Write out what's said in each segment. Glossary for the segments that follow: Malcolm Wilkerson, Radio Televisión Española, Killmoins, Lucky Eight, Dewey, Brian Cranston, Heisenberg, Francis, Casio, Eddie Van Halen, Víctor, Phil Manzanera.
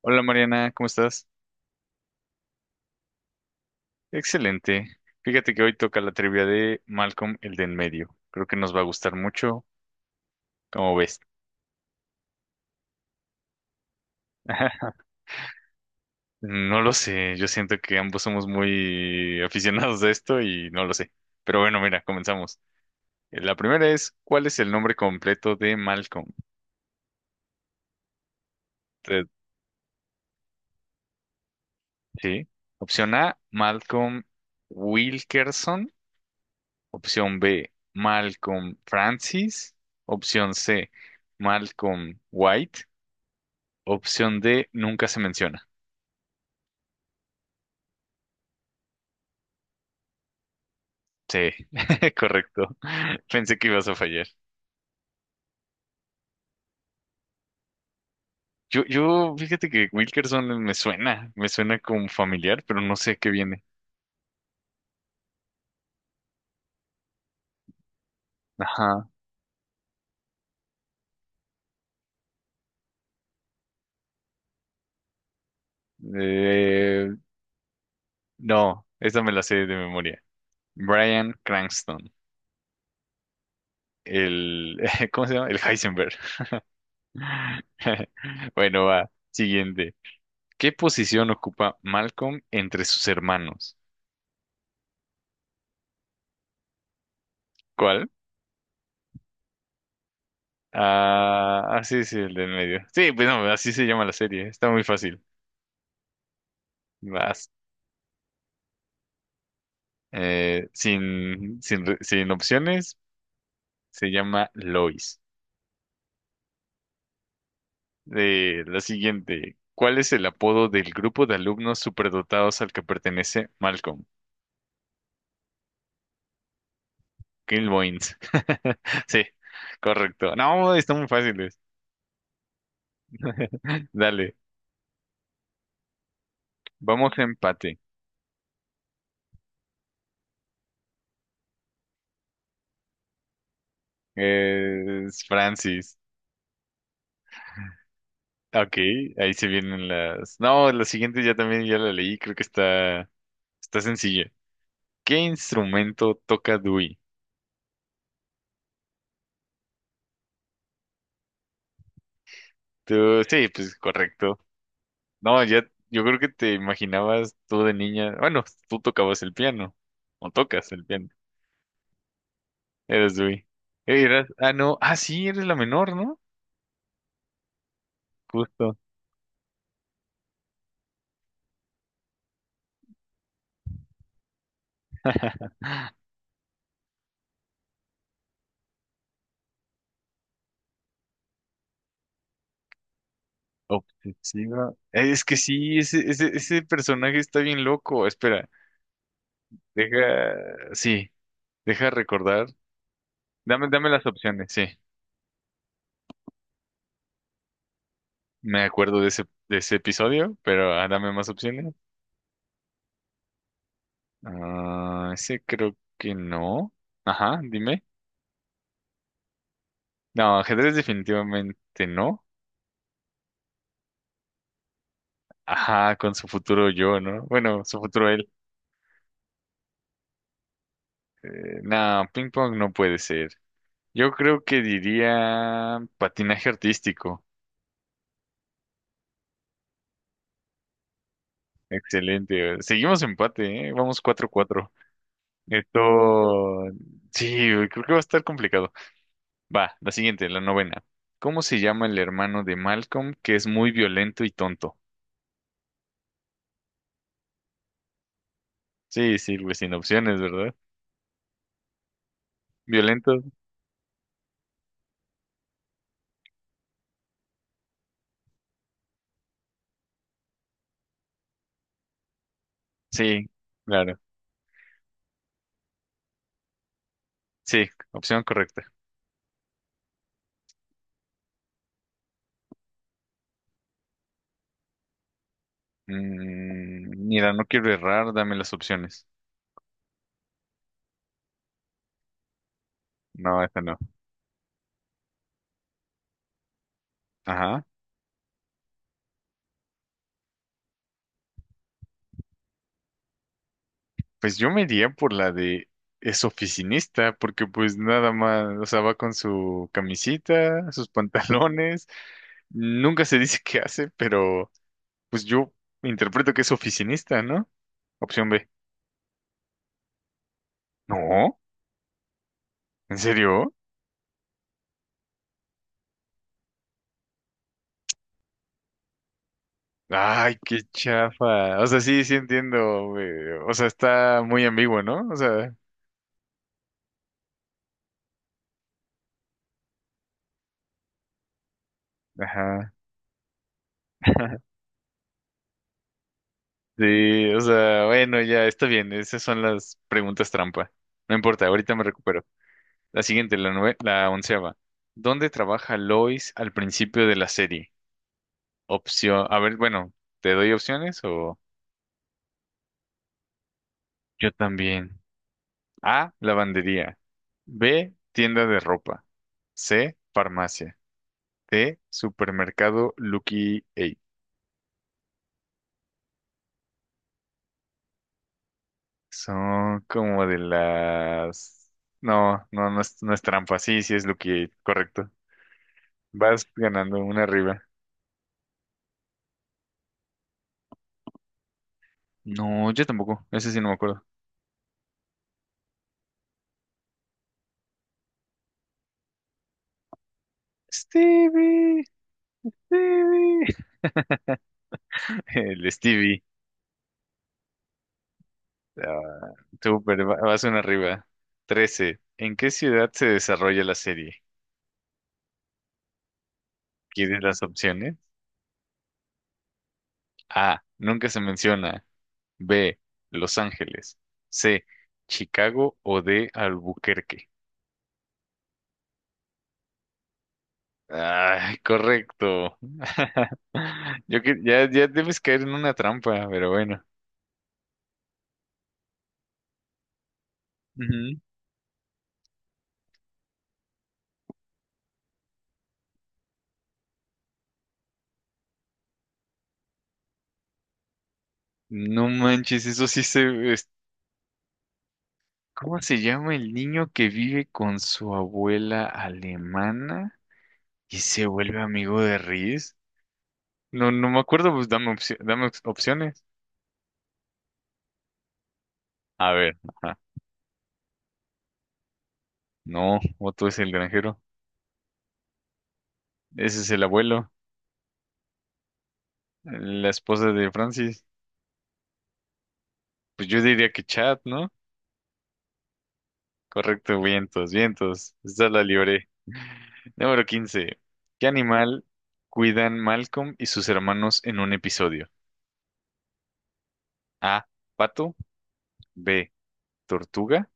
Hola Mariana, ¿cómo estás? Excelente. Fíjate que hoy toca la trivia de Malcolm, el de en medio. Creo que nos va a gustar mucho, como ves. No lo sé, yo siento que ambos somos muy aficionados a esto y no lo sé. Pero bueno, mira, comenzamos. La primera es, ¿cuál es el nombre completo de Malcolm? Te- Sí. Opción A, Malcolm Wilkerson. Opción B, Malcolm Francis. Opción C, Malcolm White. Opción D, nunca se menciona. Sí, correcto. Pensé que ibas a fallar. Yo, fíjate que Wilkerson me suena como familiar, pero no sé qué viene. Ajá. Eh, no, esa me la sé de memoria. Brian Cranston, el, ¿cómo se llama? El Heisenberg. Bueno, va, siguiente. ¿Qué posición ocupa Malcolm entre sus hermanos? ¿Cuál? Ah, ah, sí, sí, el del medio. Sí, pues no, así se llama la serie. Está muy fácil. Vas. Sin opciones, se llama Lois. La siguiente. ¿Cuál es el apodo del grupo de alumnos superdotados al que pertenece Malcolm? Killmoins. Sí, correcto. No, están muy fáciles. Dale, vamos a empate. Es Francis. Ah, ok, ahí se vienen las. No, la siguiente ya también ya la leí, creo que está, está sencilla. ¿Qué instrumento toca Dewey? Tú, sí, pues correcto. No, ya, yo creo que te imaginabas tú de niña. Bueno, tú tocabas el piano. O tocas el piano. Eres Dewey. Eras, ah, no. Ah, sí, eres la menor, ¿no? Justo. Obsesiva. Es que sí, ese personaje está bien loco. Espera, deja. Sí, deja recordar. Dame, dame las opciones, sí. Me acuerdo de ese episodio, pero ah, dame más opciones. Ah, ese creo que no. Ajá, dime. No, ajedrez definitivamente no. Ajá, con su futuro yo, ¿no? Bueno, su futuro él. No, ping pong no puede ser. Yo creo que diría patinaje artístico. Excelente. Seguimos empate, ¿eh? Vamos 4-4. Esto... Sí, güey, creo que va a estar complicado. Va, la siguiente, la novena. ¿Cómo se llama el hermano de Malcolm que es muy violento y tonto? Sí, sí, güey, sin opciones, ¿verdad? Violento, sí, claro. Sí, opción correcta. Mm, mira, no quiero errar, dame las opciones. No, esta no. Ajá. Pues yo me iría por la de es oficinista, porque pues nada más, o sea, va con su camisita, sus pantalones. Nunca se dice qué hace, pero pues yo interpreto que es oficinista, ¿no? Opción B. No, ¿en serio? Ay, qué chafa. O sea, sí, sí entiendo, güey. O sea, está muy ambiguo, ¿no? O sea, ajá. Sí, o sea, bueno, ya está bien. Esas son las preguntas trampa. No importa, ahorita me recupero. La siguiente, la nue- la onceava. ¿Dónde trabaja Lois al principio de la serie? Opción, a ver, bueno, ¿te doy opciones o yo también? A, lavandería. B, tienda de ropa. C, farmacia. D, supermercado Lucky Eight. Son como de las... No, no es, no es trampa. Sí, sí es Lucky Eight, correcto. Vas ganando una arriba. No, yo tampoco. Ese sí no me acuerdo. Stevie, Stevie. El Stevie. Ah, súper, va- vas una arriba. 13. ¿En qué ciudad se desarrolla la serie? ¿Quieres las opciones? A. Nunca se menciona. B. Los Ángeles. C. Chicago o D. Albuquerque. Ay, correcto. Yo que ya, ya debes caer en una trampa, pero bueno. No manches, eso sí se... es- ¿Cómo se llama el niño que vive con su abuela alemana y se vuelve amigo de Riz? No, no me acuerdo, pues dame, opci- dame op- opciones. A ver, ajá. No, Otto es el granjero. Ese es el abuelo, la esposa de Francis. Pues yo diría que Chad, ¿no? Correcto, vientos, vientos. Esta la libré. Número 15. ¿Qué animal cuidan Malcolm y sus hermanos en un episodio? A. Pato. B. Tortuga.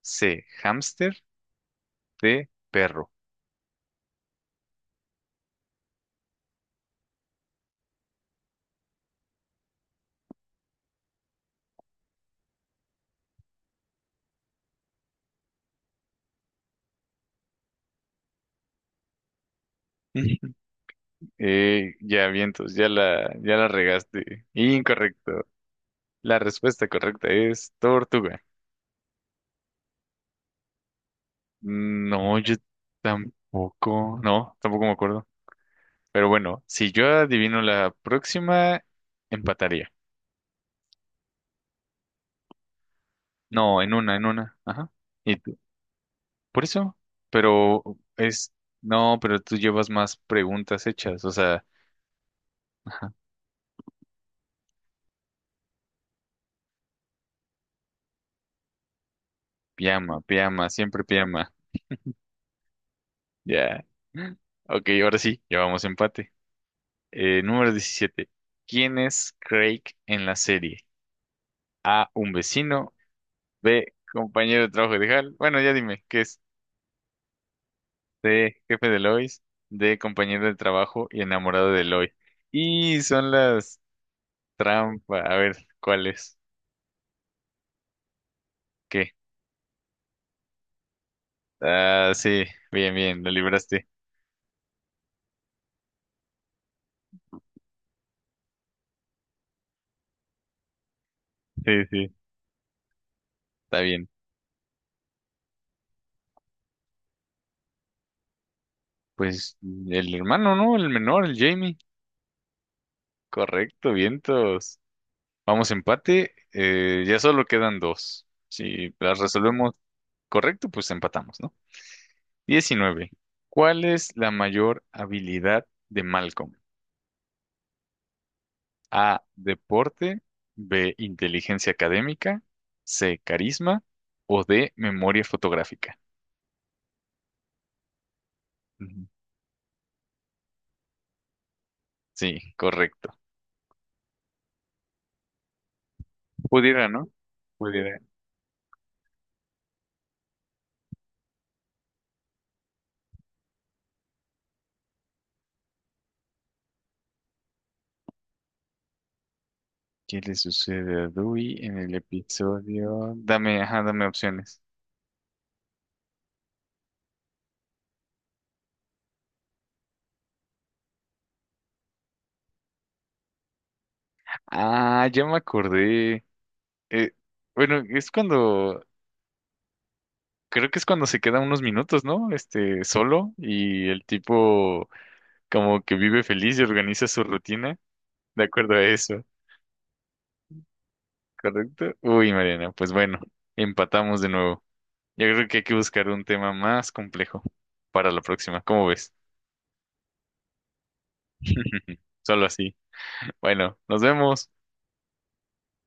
C, hámster. D, perro. Ya vientos, ya la, ya la regaste. Incorrecto. La respuesta correcta es tortuga. No, yo tampoco. No, tampoco me acuerdo. Pero bueno, si yo adivino la próxima, empataría. No, en una, en una. Ajá. ¿Y tú? Por eso. Pero es. No, pero tú llevas más preguntas hechas. O sea, ajá. Piama, piama, siempre piama. Ya. Ok, ahora sí, llevamos empate. Número 17. ¿Quién es Craig en la serie? A, un vecino. B, compañero de trabajo de Hal. Bueno, ya dime, ¿qué es? C, jefe de Lois. D, compañero de trabajo y enamorado de Lois. Y son las trampas. A ver, ¿cuál es? ¿Qué? Ah, sí, bien, bien, lo libraste. Sí, sí, está bien. Pues el hermano, ¿no? El menor, el Jamie. Correcto, vientos. Vamos empate, ya solo quedan dos. Si las resolvemos correcto, pues empatamos, ¿no? 19. ¿Cuál es la mayor habilidad de Malcolm? A, deporte. B, inteligencia académica. C, carisma o D, memoria fotográfica. Ujú. Sí, correcto. Pudiera, ¿no? Pudiera. ¿Qué le sucede a Dewey en el episodio? Dame, ajá, dame opciones. Ah, ya me acordé. Eh, bueno, es cuando, creo que es cuando se queda unos minutos, ¿no? Este, solo y el tipo como que vive feliz y organiza su rutina de acuerdo a eso, ¿correcto? Uy, Mariana, pues bueno, empatamos de nuevo. Yo creo que hay que buscar un tema más complejo para la próxima, ¿cómo ves? Solo así. Bueno, nos vemos.